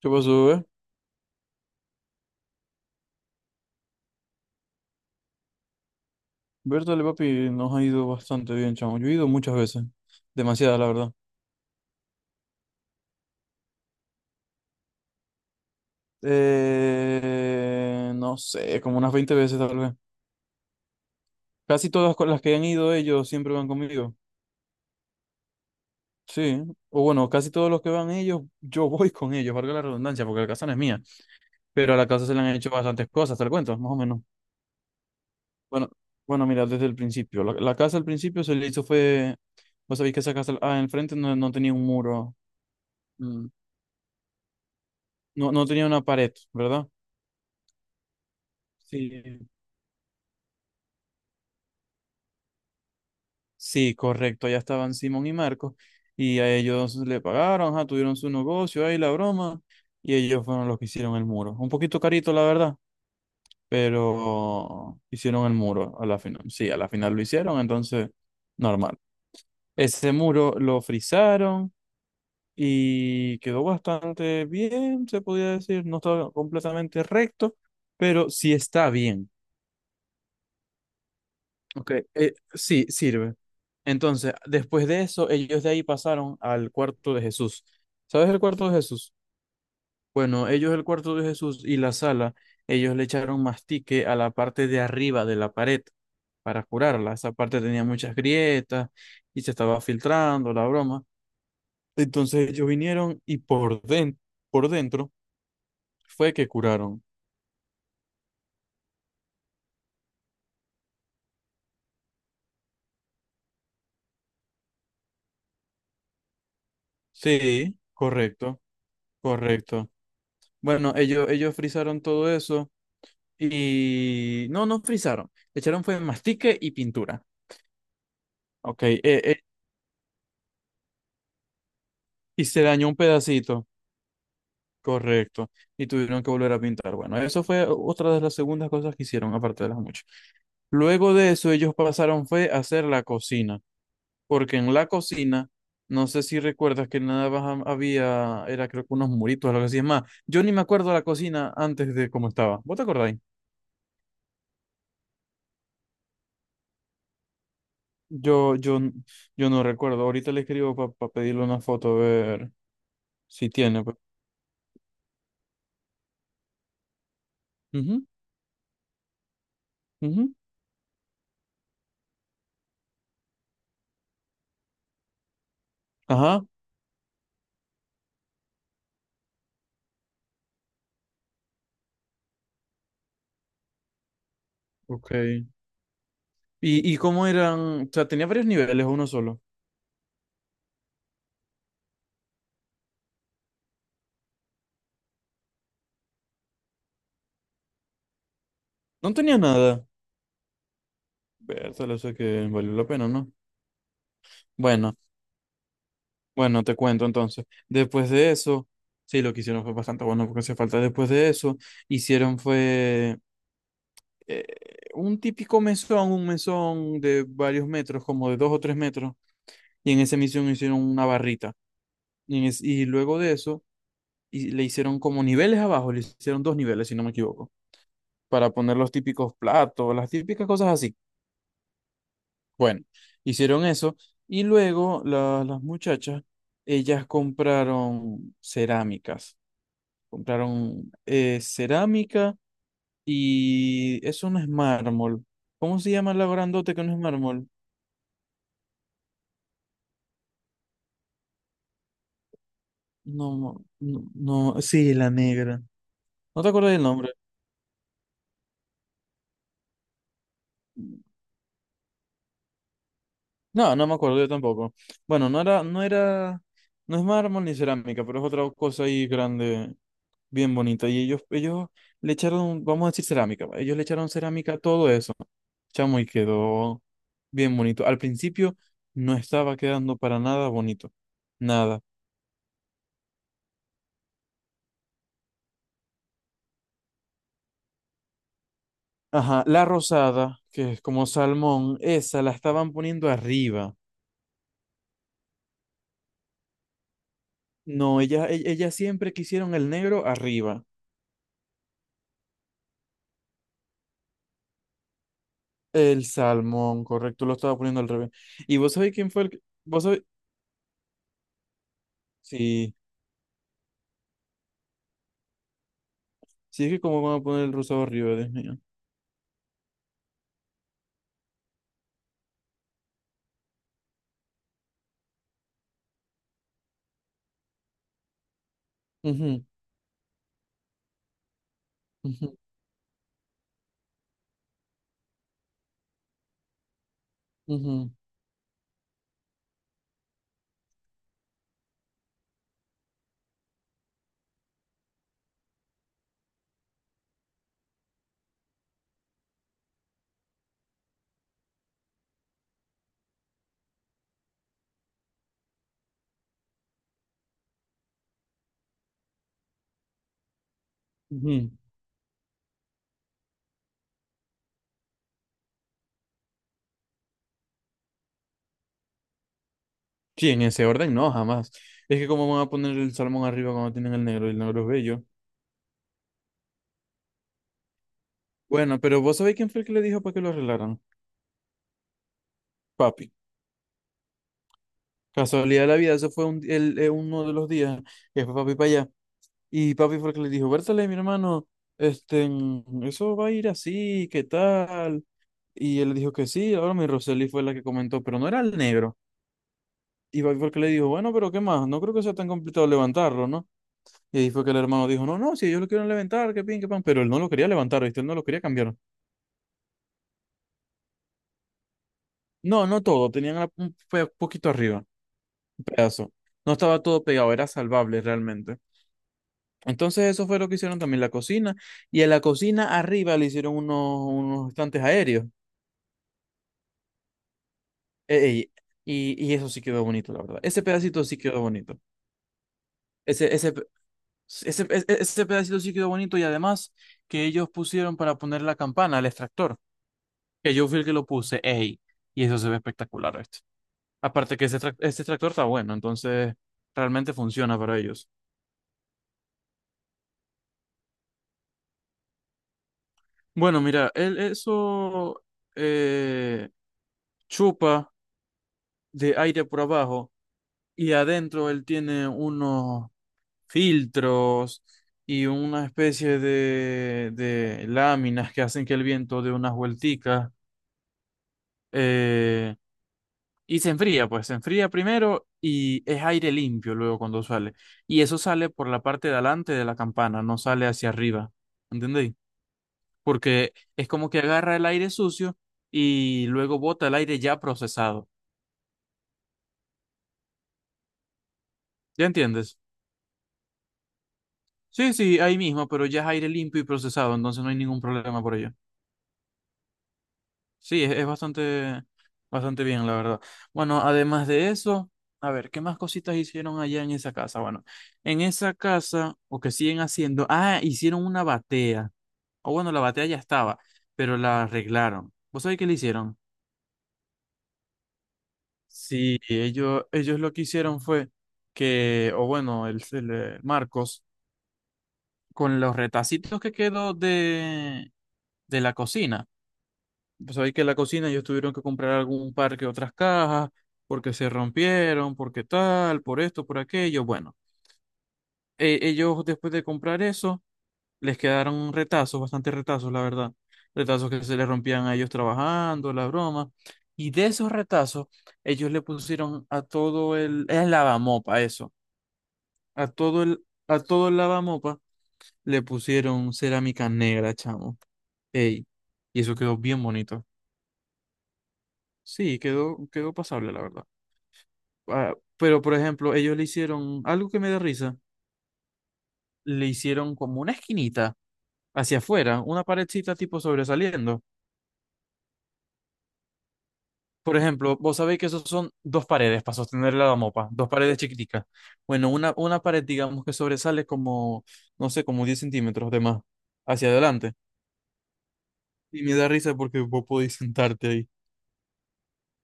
¿Qué pasó, eh? Bertale, papi, nos ha ido bastante bien, chamo. Yo he ido muchas veces. Demasiadas, la verdad. No sé, como unas 20 veces tal vez. Casi todas con las que han ido ellos siempre van conmigo. Sí. O bueno, casi todos los que van ellos, yo voy con ellos, valga la redundancia, porque la casa no es mía. Pero a la casa se le han hecho bastantes cosas, te lo cuento, más o menos. Bueno, bueno, mira, desde el principio. La casa al principio se le hizo fue. Vos sabéis que esa casa, ah, enfrente no, no tenía un muro. mm, No, no tenía una pared, ¿verdad? Sí, sí, correcto. Ya estaban Simón y Marcos y a ellos le pagaron, ajá, tuvieron su negocio ahí, la broma, y ellos fueron los que hicieron el muro. Un poquito carito, la verdad, pero hicieron el muro a la final. Sí, a la final lo hicieron, entonces, normal. Ese muro lo frizaron y quedó bastante bien, se podía decir. No estaba completamente recto, pero sí está bien. Ok, sí, sirve. Entonces, después de eso, ellos de ahí pasaron al cuarto de Jesús. ¿Sabes el cuarto de Jesús? Bueno, ellos el cuarto de Jesús y la sala, ellos le echaron mastique a la parte de arriba de la pared para curarla. Esa parte tenía muchas grietas y se estaba filtrando la broma. Entonces ellos vinieron y por dentro fue que curaron. Sí, correcto, correcto. Bueno, ellos, frisaron todo eso. Y no, no frizaron. Le echaron fue mastique y pintura. Ok, y se dañó un pedacito. Correcto. Y tuvieron que volver a pintar. Bueno, eso fue otra de las segundas cosas que hicieron, aparte de las muchas. Luego de eso, ellos pasaron fue a hacer la cocina, porque en la cocina, no sé si recuerdas que nada más había, era creo que unos muritos, algo así. Es más, yo ni me acuerdo la cocina antes de cómo estaba. ¿Vos te acordáis? Yo, yo, yo no recuerdo. Ahorita le escribo para pedirle una foto a ver. Sí tiene, pues. Ujú, ujú. Ajá, ok. ¿Y cómo eran? O sea, tenía varios niveles, o uno solo. No tenía nada. Vértale, o sea que valió la pena, ¿no? Bueno, bueno, te cuento entonces. Después de eso, sí, lo que hicieron fue bastante bueno porque hacía falta. Después de eso, hicieron fue eh, un típico mesón, un mesón de varios metros, como de 2 o 3 metros. Y en esa misión hicieron una barrita. Y luego de eso, y le hicieron como niveles abajo, le hicieron dos niveles, si no me equivoco, para poner los típicos platos, las típicas cosas así. Bueno, hicieron eso y luego las muchachas, ellas compraron cerámicas, compraron cerámica, y eso no es mármol. ¿Cómo se llama la grandote que no es mármol? No, no, no, sí, la negra. ¿No te acuerdas del nombre? No, no me acuerdo yo tampoco. Bueno, no era, no es mármol ni cerámica, pero es otra cosa ahí grande, bien bonito. Y ellos, le echaron, vamos a decir cerámica, va, ellos le echaron cerámica a todo eso, chamo, y quedó bien bonito. Al principio no estaba quedando para nada bonito, nada. Ajá, la rosada, que es como salmón, esa la estaban poniendo arriba. No, ella siempre quisieron el negro arriba. El salmón, correcto, lo estaba poniendo al revés. ¿Y vos sabés quién fue el que... vos sabés... Sí, sí es que cómo van a poner el rosado arriba, Dios mío. Ujú, ujú, ujú, ujú. Sí, en ese orden no, jamás. Es que cómo van a poner el salmón arriba cuando tienen el negro y el negro es bello. Bueno, pero vos sabéis quién fue el que le dijo para que lo arreglaran. Papi. Casualidad de la vida, eso fue uno de los días que fue papi para allá. Y papi fue el que le dijo, Bertale, mi hermano, este, eso va a ir así, ¿qué tal? Y él le dijo que sí, ahora mi Roseli fue la que comentó, pero no era el negro. Y papi fue el que le dijo, bueno, pero ¿qué más? No creo que sea tan complicado levantarlo, ¿no? Y ahí fue que el hermano dijo, no, no, si ellos lo quieren levantar, que pin, que pan, pero él no lo quería levantar, ¿viste? Él no lo quería cambiar. No, no todo, tenían un poquito arriba, un pedazo. No estaba todo pegado, era salvable realmente. Entonces eso fue lo que hicieron también la cocina, y en la cocina arriba le hicieron unos estantes aéreos. Ey, y eso sí quedó bonito, la verdad. Ese pedacito sí quedó bonito. Ese, pe- ese, ese ese pedacito sí quedó bonito, y además que ellos pusieron para poner la campana, el extractor. Que yo fui el que lo puse, ey, y eso se ve espectacular, este. Aparte que este tractor está bueno, entonces realmente funciona para ellos. Bueno, mira, él eso eh, chupa de aire por abajo, y adentro él tiene unos filtros y una especie de láminas que hacen que el viento dé unas vuelticas. eh, Y se enfría, pues se enfría primero y es aire limpio luego cuando sale. Y eso sale por la parte de adelante de la campana, no sale hacia arriba. ¿Entendéis? Porque es como que agarra el aire sucio y luego bota el aire ya procesado. ¿Ya entiendes? Sí, sí, ahí mismo, pero ya es aire limpio y procesado, entonces no hay ningún problema por ello. Sí, es bastante, bastante bien, la verdad. Bueno, además de eso, a ver, ¿qué más cositas hicieron allá en esa casa? Bueno, en esa casa, o que siguen haciendo, ah, hicieron una batea. O bueno, la batea ya estaba, pero la arreglaron. ¿Vos sabés qué le hicieron? Sí, ellos, lo que hicieron fue que, o bueno, Marcos, con los retacitos que quedó de la cocina. Pues sabéis que en la cocina ellos tuvieron que comprar algún par que otras cajas, porque se rompieron, porque tal, por esto, por aquello. Bueno, ellos después de comprar eso, les quedaron retazos, bastantes retazos, la verdad. Retazos que se les rompían a ellos trabajando, la broma. Y de esos retazos, ellos le pusieron a todo el lavamopa, eso. A todo el lavamopa le pusieron cerámica negra, chamo. Ey, y eso quedó bien bonito. Sí, quedó pasable, la verdad. Ah, pero, por ejemplo, ellos le hicieron algo que me da risa. Le hicieron como una esquinita hacia afuera, una paredcita tipo sobresaliendo. Por ejemplo, vos sabéis que esos son dos paredes para sostener la mopa, dos paredes chiquiticas. Bueno, una pared, digamos que sobresale como, no sé, como 10 centímetros de más hacia adelante. Y me da risa porque vos podéis sentarte ahí.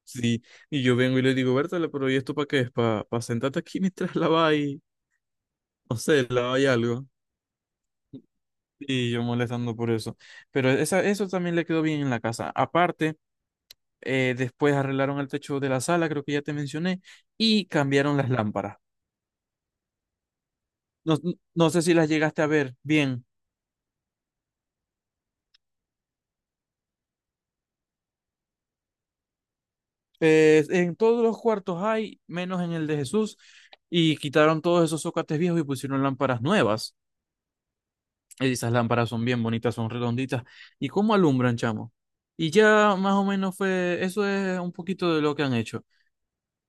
Sí, y yo vengo y le digo, Bertale, pero ¿y esto para qué es? ¿Para sentarte aquí mientras laváis, no sé, laváis algo? Y yo molestando por eso. Pero esa, eso también le quedó bien en la casa. Aparte, después arreglaron el techo de la sala, creo que ya te mencioné, y cambiaron las lámparas. No, no sé si las llegaste a ver bien. En todos los cuartos hay, menos en el de Jesús, y quitaron todos esos zócates viejos y pusieron lámparas nuevas. Esas lámparas son bien bonitas, son redonditas. ¿Y cómo alumbran, chamo? Y ya más o menos fue, eso es un poquito de lo que han hecho.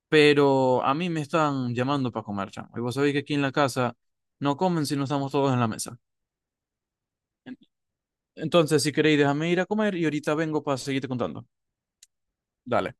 Pero a mí me están llamando para comer, chamo. Y vos sabéis que aquí en la casa no comen si no estamos todos en la mesa. Entonces, si queréis, déjame ir a comer y ahorita vengo para seguirte contando. Dale.